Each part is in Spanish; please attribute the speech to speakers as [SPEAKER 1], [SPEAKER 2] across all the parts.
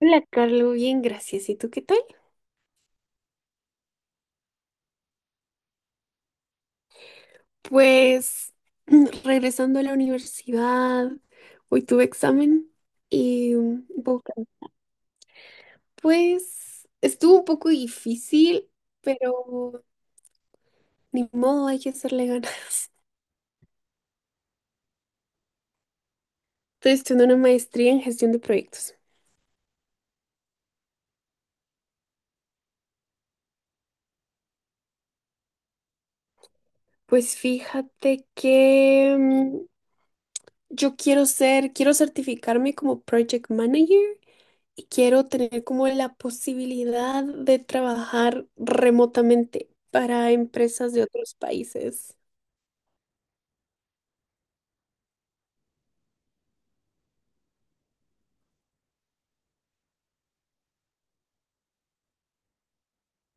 [SPEAKER 1] Hola, Carlos, bien, gracias. ¿Y tú qué tal? Pues regresando a la universidad, hoy tuve examen y un poco, pues estuvo un poco difícil, pero ni modo, hay que hacerle ganas. Estoy estudiando una maestría en gestión de proyectos. Pues fíjate que quiero certificarme como project manager y quiero tener como la posibilidad de trabajar remotamente para empresas de otros países.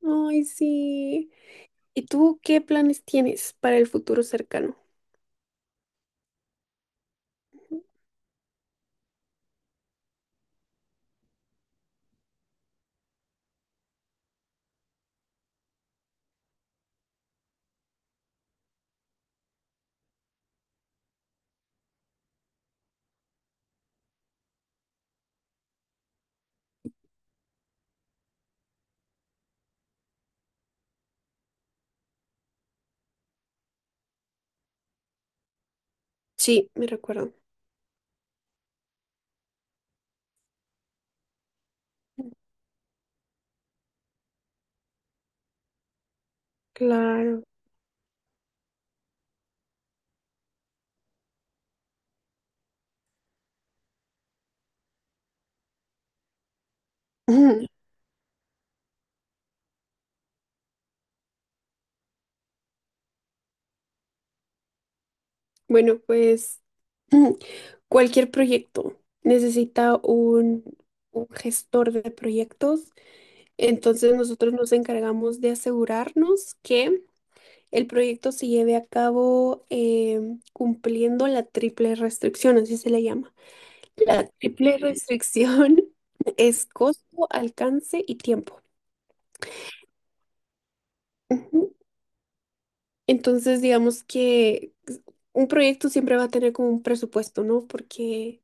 [SPEAKER 1] Ay, sí. ¿Y tú qué planes tienes para el futuro cercano? Sí, me recuerdo. Claro. Ujú. Bueno, pues ujú, cualquier proyecto necesita un gestor de proyectos. Entonces nosotros nos encargamos de asegurarnos que el proyecto se lleve a cabo cumpliendo la triple restricción, así se le llama. La triple restricción es costo, alcance y tiempo. Ujú. Entonces, digamos que un proyecto siempre va a tener como un presupuesto, ¿no? Porque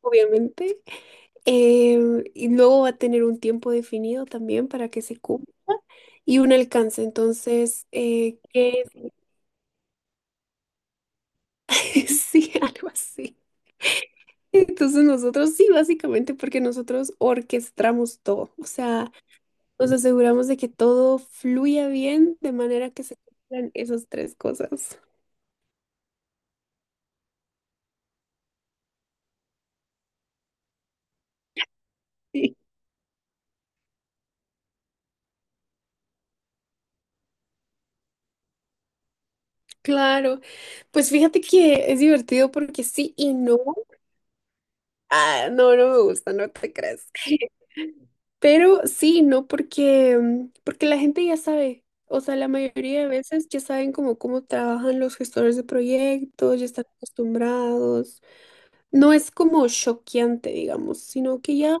[SPEAKER 1] obviamente, em, y luego va a tener un tiempo definido también para que se cumpla y un alcance. Entonces, ¿qué es? Sí, algo así. Entonces nosotros sí, básicamente porque nosotros orquestamos todo, o sea, nos aseguramos de que todo fluya bien de manera que se cumplan esas tres cosas. Sí, claro. Pues fíjate que es divertido porque sí y no. Ah, no, no me gusta, no te crees. Pero sí y no porque porque la gente ya sabe, o sea, la mayoría de veces ya saben como cómo trabajan los gestores de proyectos, ya están acostumbrados. No es como choqueante, digamos, sino que ya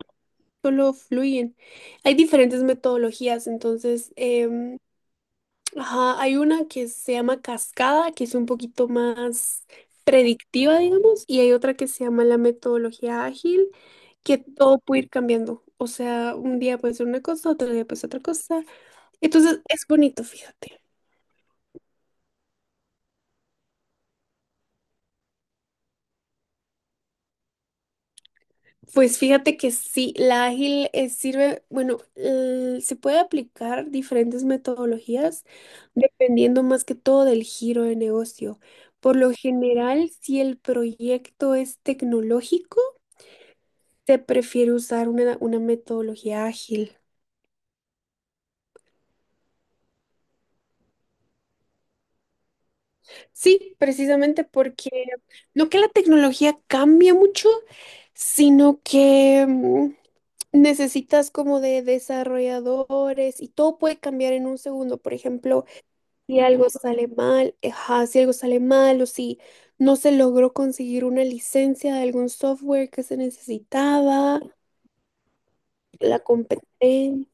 [SPEAKER 1] solo fluyen. Hay diferentes metodologías, entonces, em, ajá, hay una que se llama cascada, que es un poquito más predictiva, digamos, y hay otra que se llama la metodología ágil, que todo puede ir cambiando. O sea, un día puede ser una cosa, otro día puede ser otra cosa. Entonces, es bonito, fíjate. Pues fíjate que sí, la ágil sirve, bueno, se puede aplicar diferentes metodologías dependiendo más que todo del giro de negocio. Por lo general, si el proyecto es tecnológico, se prefiere usar una metodología ágil. Sí, precisamente porque no que la tecnología cambia mucho, sino que necesitas como de desarrolladores y todo puede cambiar en un segundo. Por ejemplo, si algo sale mal, ajá, si algo sale mal o si no se logró conseguir una licencia de algún software que se necesitaba, la competencia,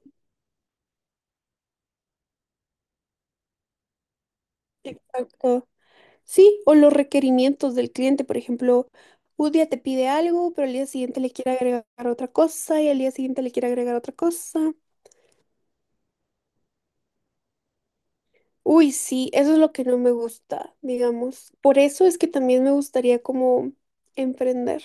[SPEAKER 1] exacto. Sí, o los requerimientos del cliente, por ejemplo, un día te pide algo, pero al día siguiente le quiere agregar otra cosa y al día siguiente le quiere agregar otra cosa. Uy, sí, eso es lo que no me gusta, digamos. Por eso es que también me gustaría como emprender.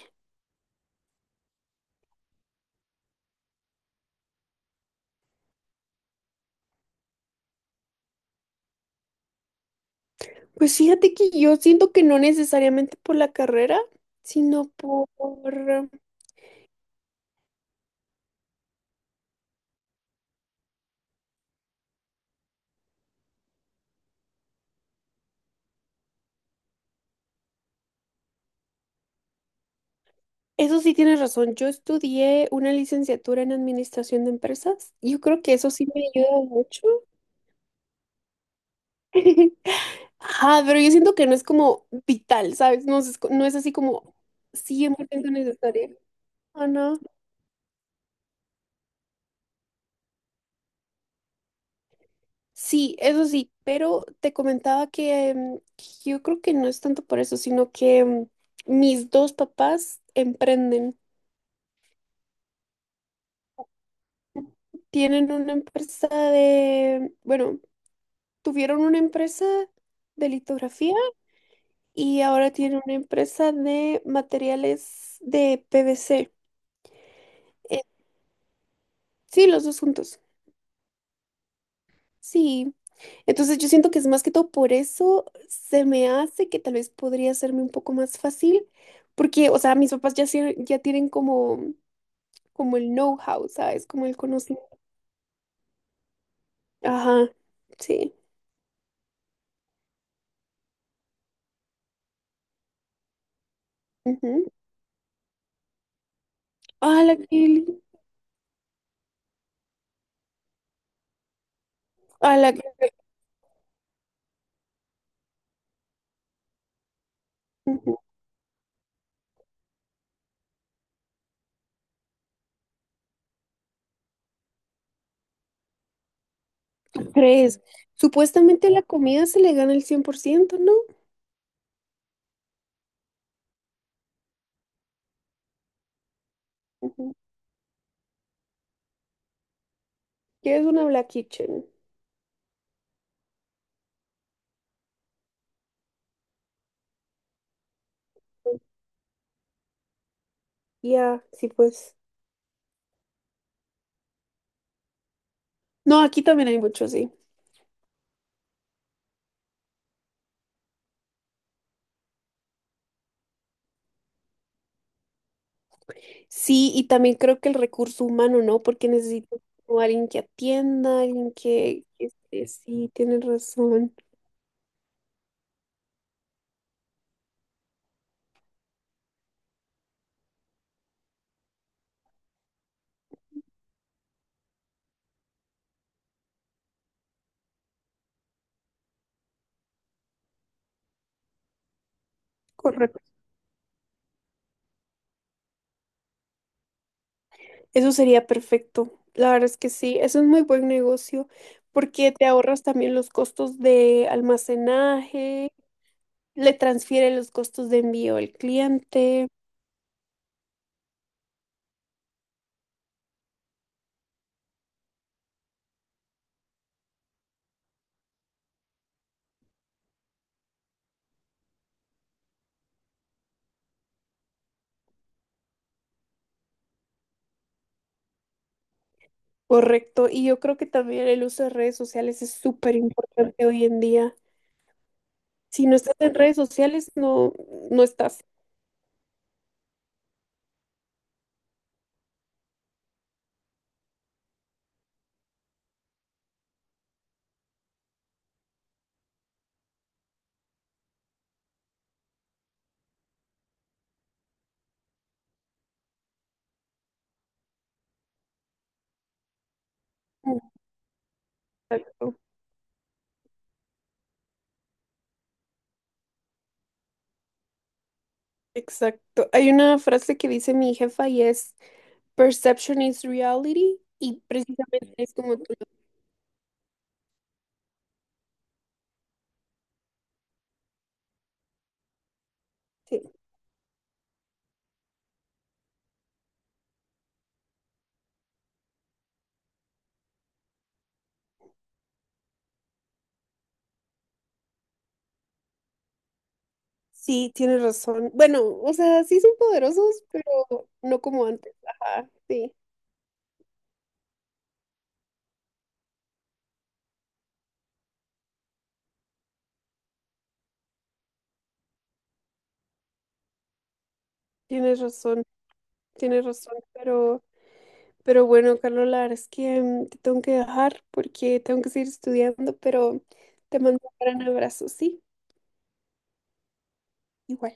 [SPEAKER 1] Pues fíjate que yo siento que no necesariamente por la carrera, sino por... Eso sí tienes razón, yo estudié una licenciatura en administración de empresas. Yo creo que eso sí me ayuda mucho. Ajá, pero yo siento que no es como vital, ¿sabes? No es así como 100% necesario. Ah, no. Sí, eso sí, pero te comentaba que yo creo que no es tanto por eso, sino que mis dos papás emprenden. Tienen una empresa de, bueno, tuvieron una empresa de litografía y ahora tienen una empresa de materiales de PVC. Eh, sí, los dos juntos. Sí. Entonces yo siento que es más que todo por eso se me hace que tal vez podría hacerme un poco más fácil, porque, o sea, mis papás ya, sie- ya tienen como, como el know-how, ¿sabes? Como el conocimiento. Ajá, sí. Ujú. A la que, a la que- ujú. Tres. Supuestamente la comida se le gana el 100%, ¿no? Ujú. ¿Qué es una Black Kitchen? Ya, sí, pues. No, aquí también hay mucho, sí. Sí, y también creo que el recurso humano, ¿no? Porque necesito como alguien que atienda, alguien que esté- sí, tienes razón. Correcto. Eso sería perfecto. La verdad es que sí, eso es muy buen negocio porque te ahorras también los costos de almacenaje, le transfiere los costos de envío al cliente. Correcto, y yo creo que también el uso de redes sociales es súper importante hoy en día. Si no estás en redes sociales, no, no estás. Exacto, exacto. Hay una frase que dice mi jefa y es Perception is reality, y precisamente es como tú lo dices. Sí, tienes razón. Bueno, o sea, sí son poderosos, pero no como antes. Ajá, sí, tienes razón, tienes razón, pero... Pero bueno, Carlos, la verdad es que te tengo que dejar porque tengo que seguir estudiando, pero te mando un gran abrazo, ¿sí? Igual.